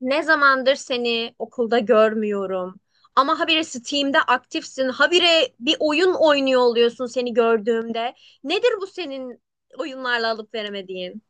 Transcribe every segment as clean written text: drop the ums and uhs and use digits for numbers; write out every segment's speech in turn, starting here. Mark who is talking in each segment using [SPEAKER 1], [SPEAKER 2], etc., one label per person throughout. [SPEAKER 1] Ne zamandır seni okulda görmüyorum. Ama habire Steam'de aktifsin. Habire bir oyun oynuyor oluyorsun seni gördüğümde. Nedir bu senin oyunlarla alıp veremediğin?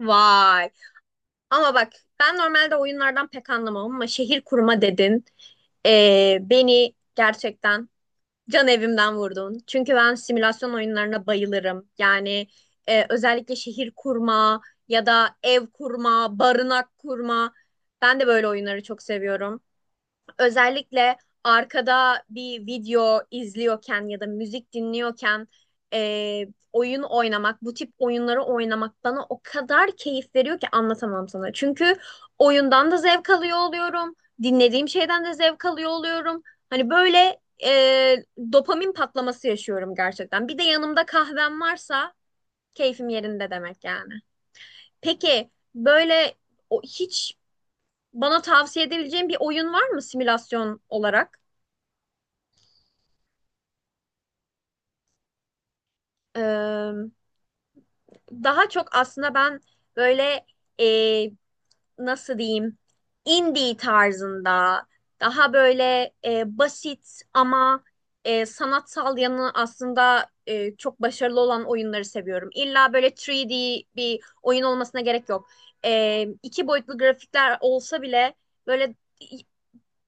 [SPEAKER 1] Vay. Ama bak ben normalde oyunlardan pek anlamam ama şehir kurma dedin. Beni gerçekten can evimden vurdun. Çünkü ben simülasyon oyunlarına bayılırım. Yani özellikle şehir kurma ya da ev kurma, barınak kurma. Ben de böyle oyunları çok seviyorum. Özellikle arkada bir video izliyorken ya da müzik dinliyorken e, oyun oynamak, bu tip oyunları oynamak bana o kadar keyif veriyor ki anlatamam sana. Çünkü oyundan da zevk alıyor oluyorum, dinlediğim şeyden de zevk alıyor oluyorum. Hani böyle dopamin patlaması yaşıyorum gerçekten. Bir de yanımda kahvem varsa keyfim yerinde demek yani. Peki böyle hiç bana tavsiye edebileceğin bir oyun var mı simülasyon olarak? Ee, daha çok aslında ben böyle e, nasıl diyeyim indie tarzında daha böyle basit ama sanatsal yanı aslında çok başarılı olan oyunları seviyorum. İlla böyle 3D bir oyun olmasına gerek yok. E, iki boyutlu grafikler olsa bile böyle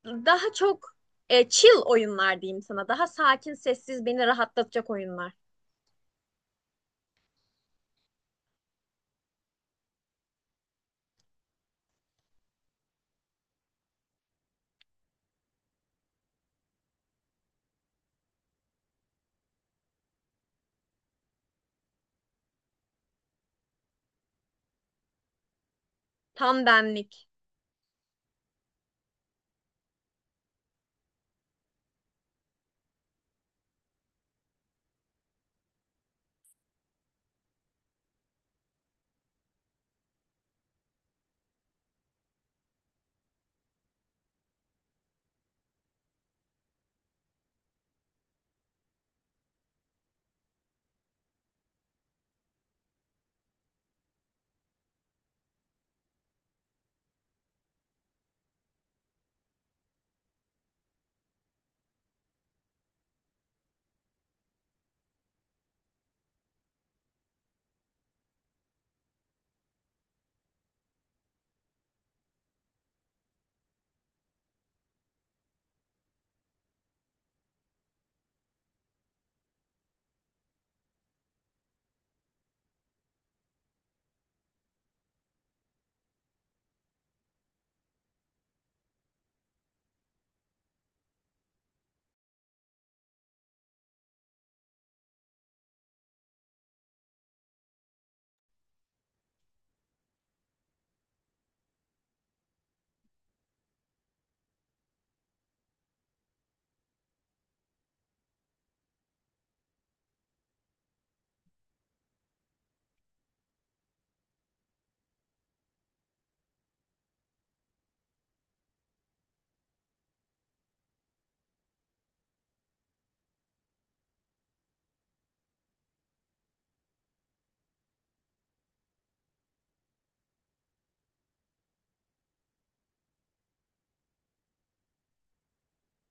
[SPEAKER 1] daha çok chill oyunlar diyeyim sana. Daha sakin, sessiz, beni rahatlatacak oyunlar. Tam benlik.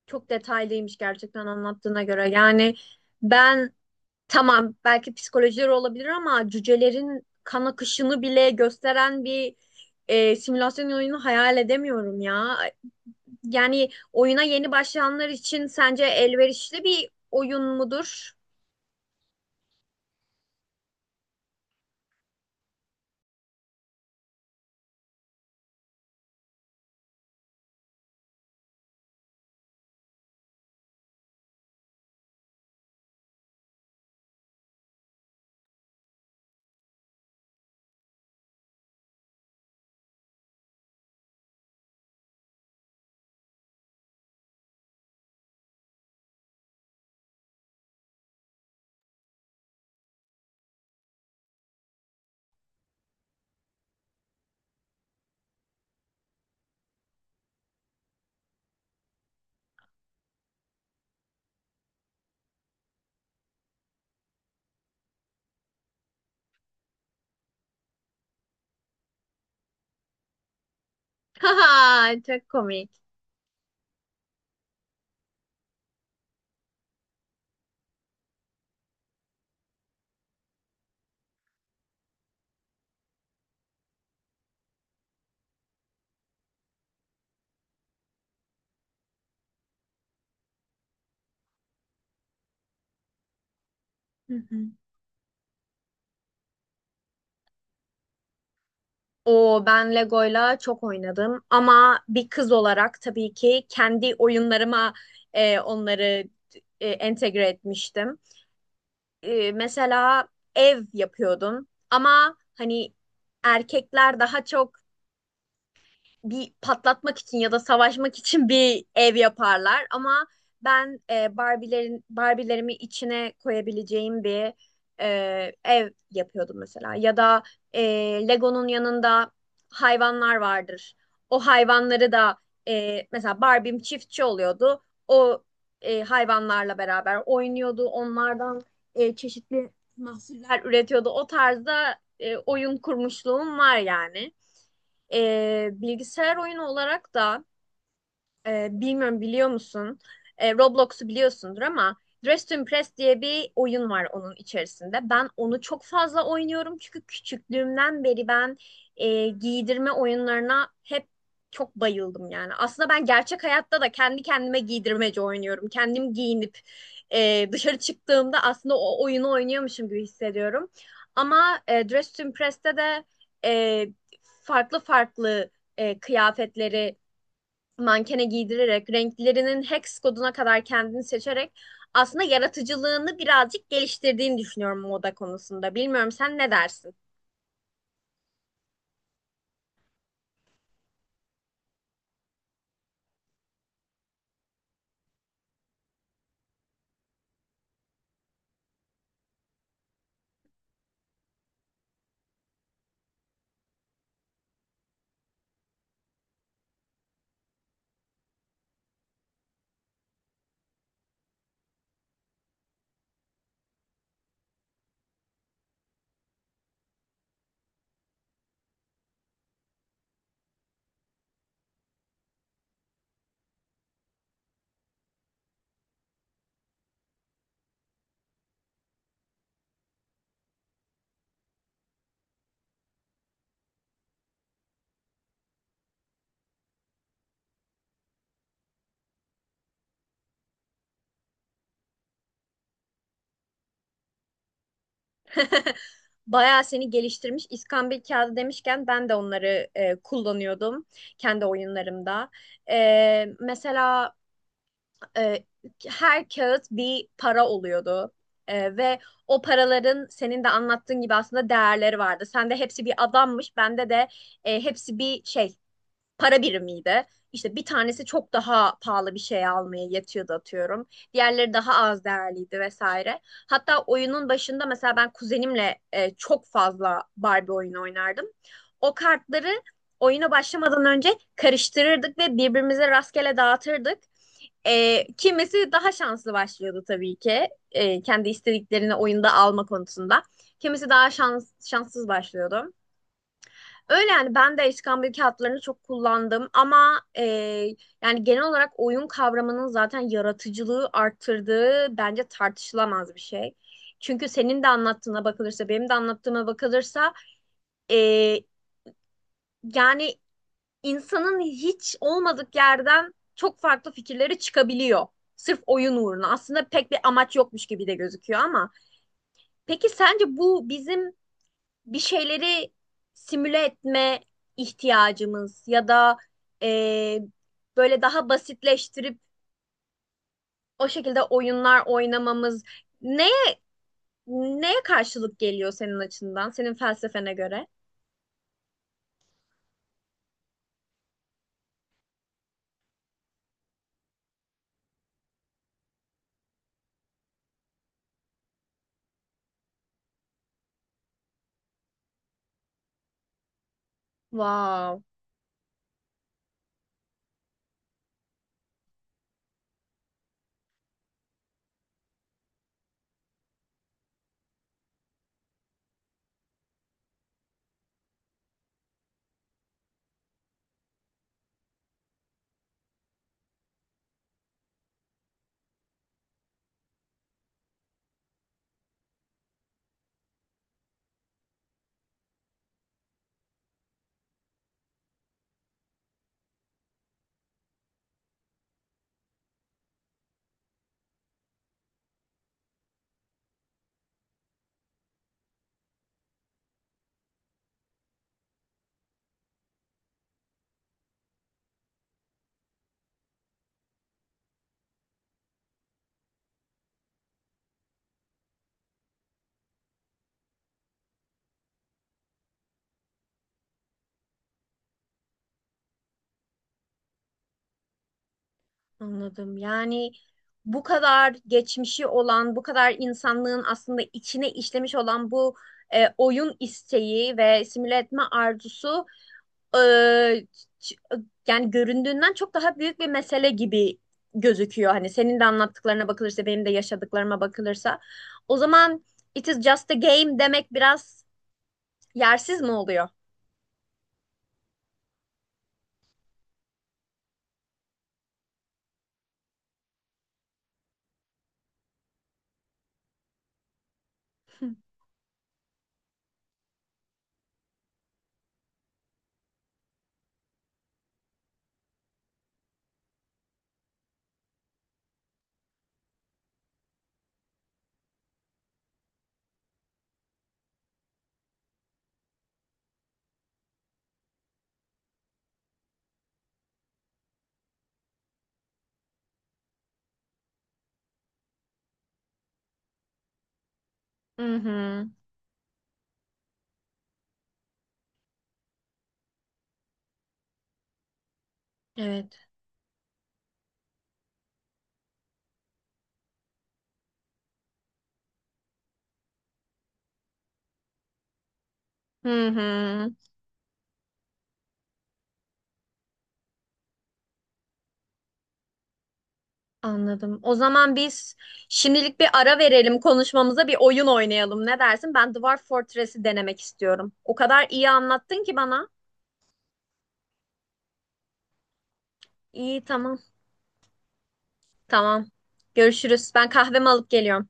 [SPEAKER 1] Çok detaylıymış gerçekten anlattığına göre. Yani ben tamam belki psikolojileri olabilir ama cücelerin kan akışını bile gösteren bir simülasyon oyunu hayal edemiyorum ya. Yani oyuna yeni başlayanlar için sence elverişli bir oyun mudur? Haha, çok komik. Hı hı. O ben Lego'yla çok oynadım ama bir kız olarak tabii ki kendi oyunlarıma onları entegre etmiştim. Mesela ev yapıyordum ama hani erkekler daha çok bir patlatmak için ya da savaşmak için bir ev yaparlar ama ben Barbie'lerimi içine koyabileceğim bir ev yapıyordum mesela ya da e, Lego'nun yanında hayvanlar vardır. O hayvanları da mesela Barbie'm çiftçi oluyordu. O hayvanlarla beraber oynuyordu. Onlardan çeşitli mahsuller üretiyordu. O tarzda oyun kurmuşluğum var yani. Bilgisayar oyunu olarak da bilmiyorum biliyor musun? Roblox'u biliyorsundur ama Dress to Impress diye bir oyun var onun içerisinde. Ben onu çok fazla oynuyorum çünkü küçüklüğümden beri ben giydirme oyunlarına hep çok bayıldım yani. Aslında ben gerçek hayatta da kendi kendime giydirmece oynuyorum. Kendim giyinip dışarı çıktığımda aslında o oyunu oynuyormuşum gibi hissediyorum. Ama Dress to Impress'te de e, farklı farklı kıyafetleri mankene giydirerek, renklerinin hex koduna kadar kendini seçerek aslında yaratıcılığını birazcık geliştirdiğini düşünüyorum moda konusunda. Bilmiyorum sen ne dersin? Bayağı seni geliştirmiş. İskambil kağıdı demişken ben de onları kullanıyordum kendi oyunlarımda. Mesela e, her kağıt bir para oluyordu. Ve o paraların senin de anlattığın gibi aslında değerleri vardı. Sende hepsi bir adammış, bende de hepsi bir şey para birimiydi. İşte bir tanesi çok daha pahalı bir şey almaya yetiyordu atıyorum. Diğerleri daha az değerliydi vesaire. Hatta oyunun başında mesela ben kuzenimle çok fazla Barbie oyunu oynardım. O kartları oyuna başlamadan önce karıştırırdık ve birbirimize rastgele dağıtırdık. Kimisi daha şanslı başlıyordu tabii ki. Kendi istediklerini oyunda alma konusunda. Kimisi daha şanssız başlıyordu. Öyle yani ben de iskambil kağıtlarını çok kullandım ama yani genel olarak oyun kavramının zaten yaratıcılığı arttırdığı bence tartışılamaz bir şey. Çünkü senin de anlattığına bakılırsa benim de anlattığıma bakılırsa e, yani insanın hiç olmadık yerden çok farklı fikirleri çıkabiliyor. Sırf oyun uğruna. Aslında pek bir amaç yokmuş gibi de gözüküyor ama peki sence bu bizim bir şeyleri simüle etme ihtiyacımız ya da e, böyle daha basitleştirip o şekilde oyunlar oynamamız neye neye karşılık geliyor senin açından, senin felsefene göre? Wow, anladım. Yani bu kadar geçmişi olan, bu kadar insanlığın aslında içine işlemiş olan bu oyun isteği ve simüle etme arzusu eee, ç- yani göründüğünden çok daha büyük bir mesele gibi gözüküyor. Hani senin de anlattıklarına bakılırsa, benim de yaşadıklarıma bakılırsa. O zaman it is just a game demek biraz yersiz mi oluyor? Hı hı. Evet. Hı hı. Anladım. O zaman biz şimdilik bir ara verelim, konuşmamıza bir oyun oynayalım. Ne dersin? Ben Dwarf Fortress'i denemek istiyorum. O kadar iyi anlattın ki bana. İyi, tamam. Tamam. Görüşürüz. Ben kahvemi alıp geliyorum.